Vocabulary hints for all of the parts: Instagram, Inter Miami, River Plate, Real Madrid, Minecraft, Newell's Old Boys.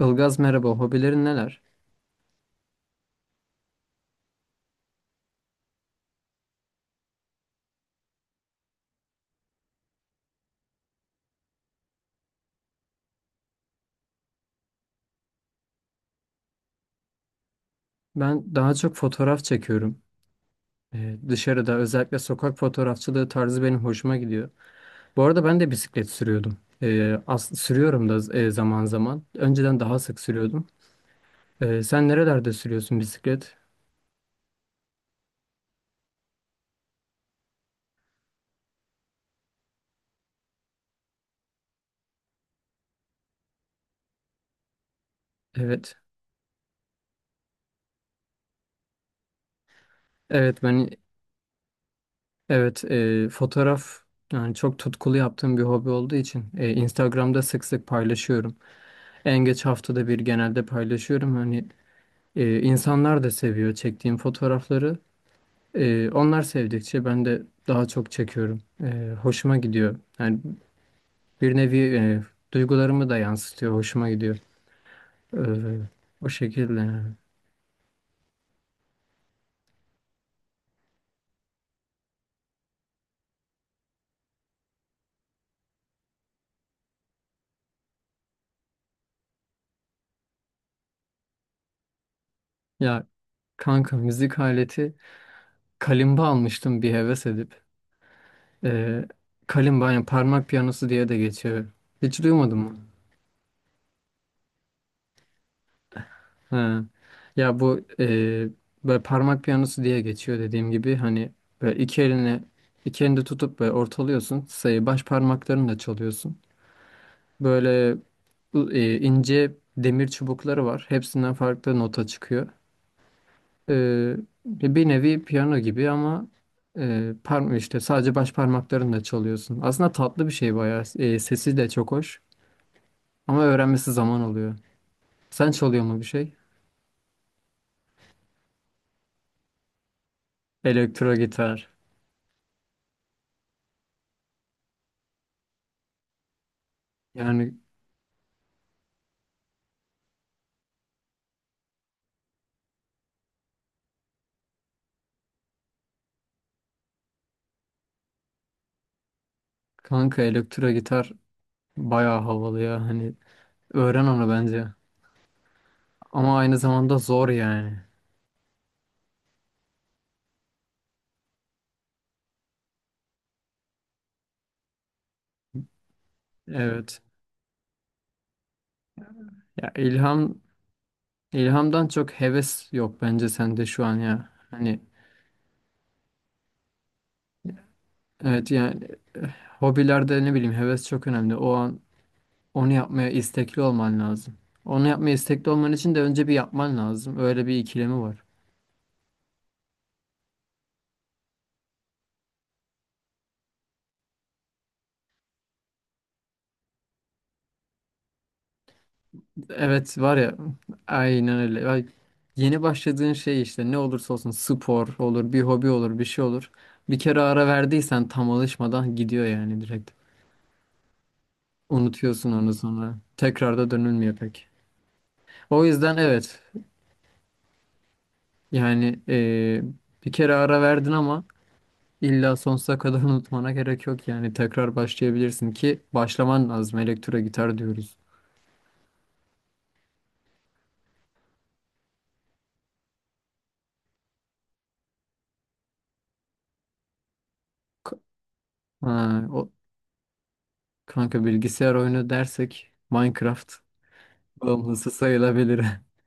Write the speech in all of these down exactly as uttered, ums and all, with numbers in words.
Ilgaz merhaba, hobilerin neler? Ben daha çok fotoğraf çekiyorum. Ee, dışarıda özellikle sokak fotoğrafçılığı tarzı benim hoşuma gidiyor. Bu arada ben de bisiklet sürüyordum. Ee, as- sürüyorum da e, zaman zaman. Önceden daha sık sürüyordum. Ee, sen nerelerde sürüyorsun bisiklet? Evet. Evet ben evet e, fotoğraf yani çok tutkulu yaptığım bir hobi olduğu için e, Instagram'da sık sık paylaşıyorum. En geç haftada bir genelde paylaşıyorum. Hani e, insanlar da seviyor çektiğim fotoğrafları. Ee, onlar sevdikçe ben de daha çok çekiyorum. Ee, hoşuma gidiyor. Yani bir nevi e, duygularımı da yansıtıyor. Hoşuma gidiyor. Ee, O şekilde, yani. Ya kanka, müzik aleti, kalimba almıştım bir heves edip. Ee, Kalimba yani parmak piyanosu diye de geçiyor. Hiç duymadın mı? Ha. Ya bu e, böyle parmak piyanosu diye geçiyor, dediğim gibi. Hani böyle iki elini iki elinde tutup böyle ortalıyorsun, sayı baş parmaklarını da çalıyorsun. Böyle e, ince demir çubukları var. Hepsinden farklı nota çıkıyor. E, Bir nevi piyano gibi ama e, parm işte sadece baş parmaklarınla çalıyorsun. Aslında tatlı bir şey bayağı. E, sesi de çok hoş ama öğrenmesi zaman alıyor. Sen çalıyor mu bir şey? Elektro gitar. Yani kanka, elektro gitar bayağı havalı ya. Hani öğren onu bence. Ama aynı zamanda zor yani. Evet. Ya ilham ilhamdan çok heves yok bence sende şu an ya. Hani evet yani, eh, hobilerde, ne bileyim, heves çok önemli. O an onu yapmaya istekli olman lazım. Onu yapmaya istekli olman için de önce bir yapman lazım. Öyle bir ikilemi var. Evet var ya, aynen öyle. Ay, yeni başladığın şey işte ne olursa olsun, spor olur, bir hobi olur, bir şey olur. Bir kere ara verdiysen tam alışmadan gidiyor yani, direkt. Unutuyorsun onu sonra. Tekrar da dönülmüyor pek. O yüzden evet yani, eh, bir kere ara verdin ama İlla sonsuza kadar unutmana gerek yok yani, tekrar başlayabilirsin ki başlaman lazım, elektro gitar diyoruz. K- Ha, o kanka, bilgisayar oyunu dersek Minecraft bağımlısı sayılabilir.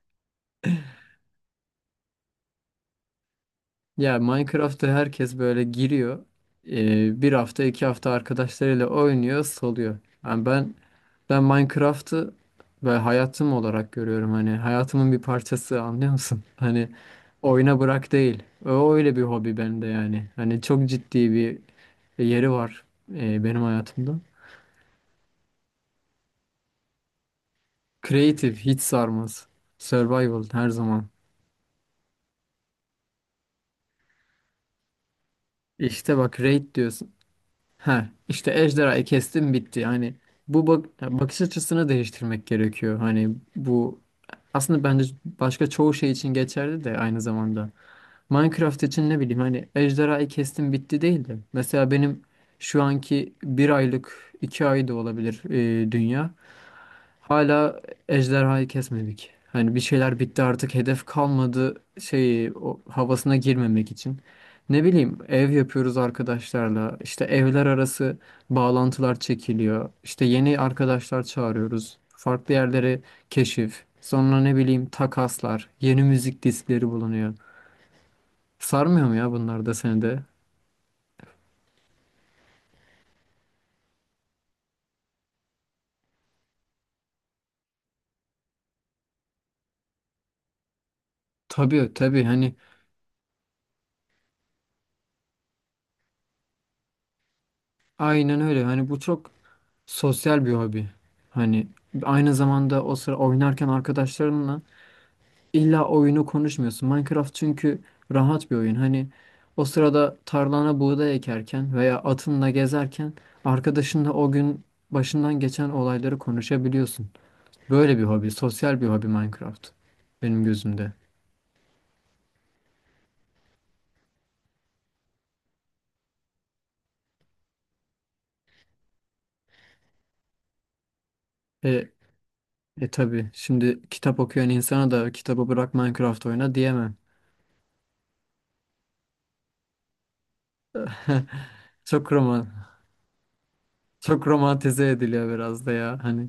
Ya Minecraft'a herkes böyle giriyor. Ee, bir hafta iki hafta arkadaşlarıyla oynuyor, soluyor. Yani ben Ben Minecraft'ı ve hayatım olarak görüyorum. Hani hayatımın bir parçası, anlıyor musun? Hani oyuna bırak değil. O öyle bir hobi bende yani. Hani çok ciddi bir yeri var e, benim hayatımda. Creative hiç sarmaz. Survival her zaman. İşte bak, raid diyorsun. Ha işte, ejderhayı kestim bitti. Hani bu bak, bakış açısını değiştirmek gerekiyor. Hani bu aslında bence başka çoğu şey için geçerli de aynı zamanda. Minecraft için ne bileyim, hani ejderhayı kestim bitti değil de. Mesela benim şu anki bir aylık, iki ay da olabilir, e, dünya. Hala ejderhayı kesmedik. Hani bir şeyler bitti, artık hedef kalmadı şeyi, o havasına girmemek için. Ne bileyim, ev yapıyoruz arkadaşlarla. İşte evler arası bağlantılar çekiliyor. İşte yeni arkadaşlar çağırıyoruz. Farklı yerlere keşif. Sonra ne bileyim, takaslar, yeni müzik diskleri bulunuyor. Sarmıyor mu ya bunlar da seni de? Tabii tabii, hani aynen öyle. Hani bu çok sosyal bir hobi. Hani aynı zamanda o sıra oynarken arkadaşlarınla illa oyunu konuşmuyorsun. Minecraft çünkü rahat bir oyun. Hani o sırada tarlana buğday ekerken veya atınla gezerken arkadaşınla o gün başından geçen olayları konuşabiliyorsun. Böyle bir hobi, sosyal bir hobi Minecraft benim gözümde. E, e tabii şimdi kitap okuyan insana da kitabı bırak Minecraft oyna diyemem. Çok roman, çok romantize ediliyor biraz da ya. Hani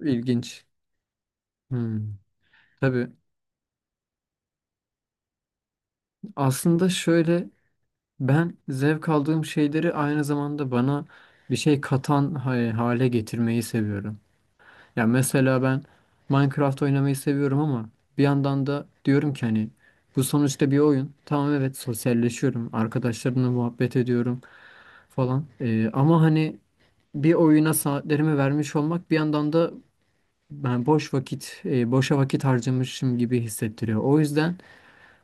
İlginç. Hmm. Tabii. Aslında şöyle, ben zevk aldığım şeyleri aynı zamanda bana bir şey katan ha- hale getirmeyi seviyorum. Ya mesela ben Minecraft oynamayı seviyorum ama bir yandan da diyorum ki hani bu sonuçta bir oyun. Tamam evet, sosyalleşiyorum. Arkadaşlarımla muhabbet ediyorum falan. Ee, ama hani bir oyuna saatlerimi vermiş olmak bir yandan da ben boş vakit, e, boşa vakit harcamışım gibi hissettiriyor. O yüzden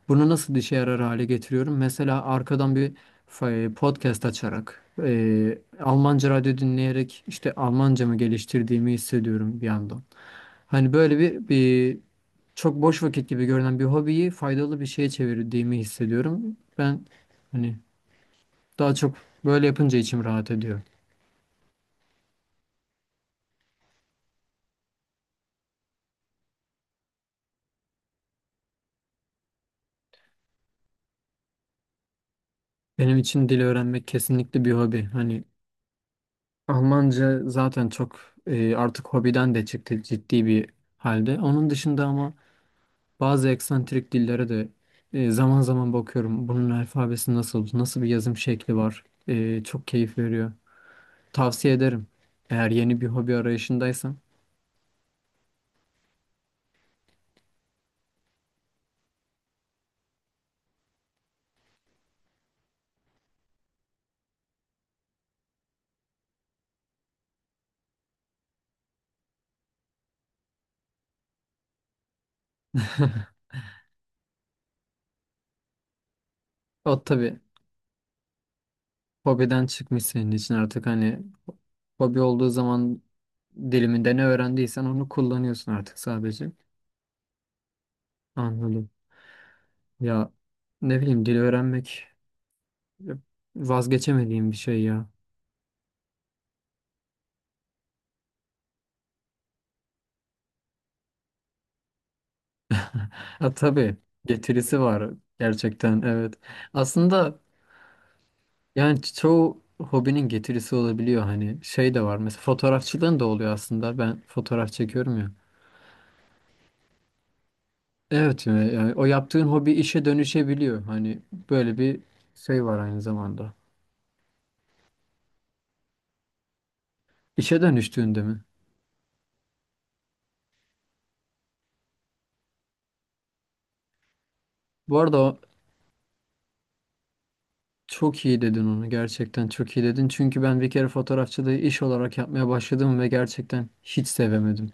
bunu nasıl işe yarar hale getiriyorum? Mesela arkadan bir fa- e, podcast açarak, e, Almanca radyo dinleyerek işte Almancamı geliştirdiğimi hissediyorum bir yandan. Hani böyle bir, bir çok boş vakit gibi görünen bir hobiyi faydalı bir şeye çevirdiğimi hissediyorum. Ben hani daha çok böyle yapınca içim rahat ediyor. Benim için dil öğrenmek kesinlikle bir hobi. Hani Almanca zaten çok e, artık hobiden de çıktı ciddi bir halde. Onun dışında ama bazı eksantrik dillere de e, zaman zaman bakıyorum. Bunun alfabesi nasıl, nasıl bir yazım şekli var. E, çok keyif veriyor. Tavsiye ederim. Eğer yeni bir hobi arayışındaysan. O tabii hobiden çıkmış senin için artık, hani hobi olduğu zaman diliminde ne öğrendiysen onu kullanıyorsun artık sadece. Anladım. Ya ne bileyim, dil öğrenmek vazgeçemediğim bir şey ya. Ha tabii, getirisi var gerçekten, evet. Aslında yani çoğu hobinin getirisi olabiliyor, hani şey de var mesela, fotoğrafçılığın da oluyor aslında, ben fotoğraf çekiyorum ya. Evet yani yani o yaptığın hobi işe dönüşebiliyor, hani böyle bir şey var aynı zamanda. İşe dönüştüğünde mi? Bu arada o- Çok iyi dedin onu, gerçekten çok iyi dedin çünkü ben bir kere fotoğrafçılığı iş olarak yapmaya başladım ve gerçekten hiç sevemedim.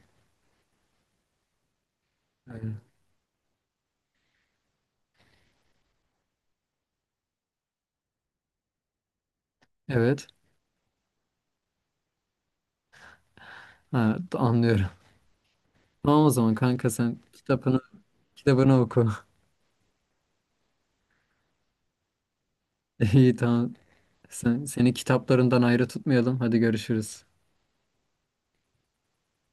Yani, evet, ha, anlıyorum. Tamam o zaman kanka, sen kitabını kitabını oku. İyi, tamam. Sen, seni kitaplarından ayrı tutmayalım. Hadi görüşürüz.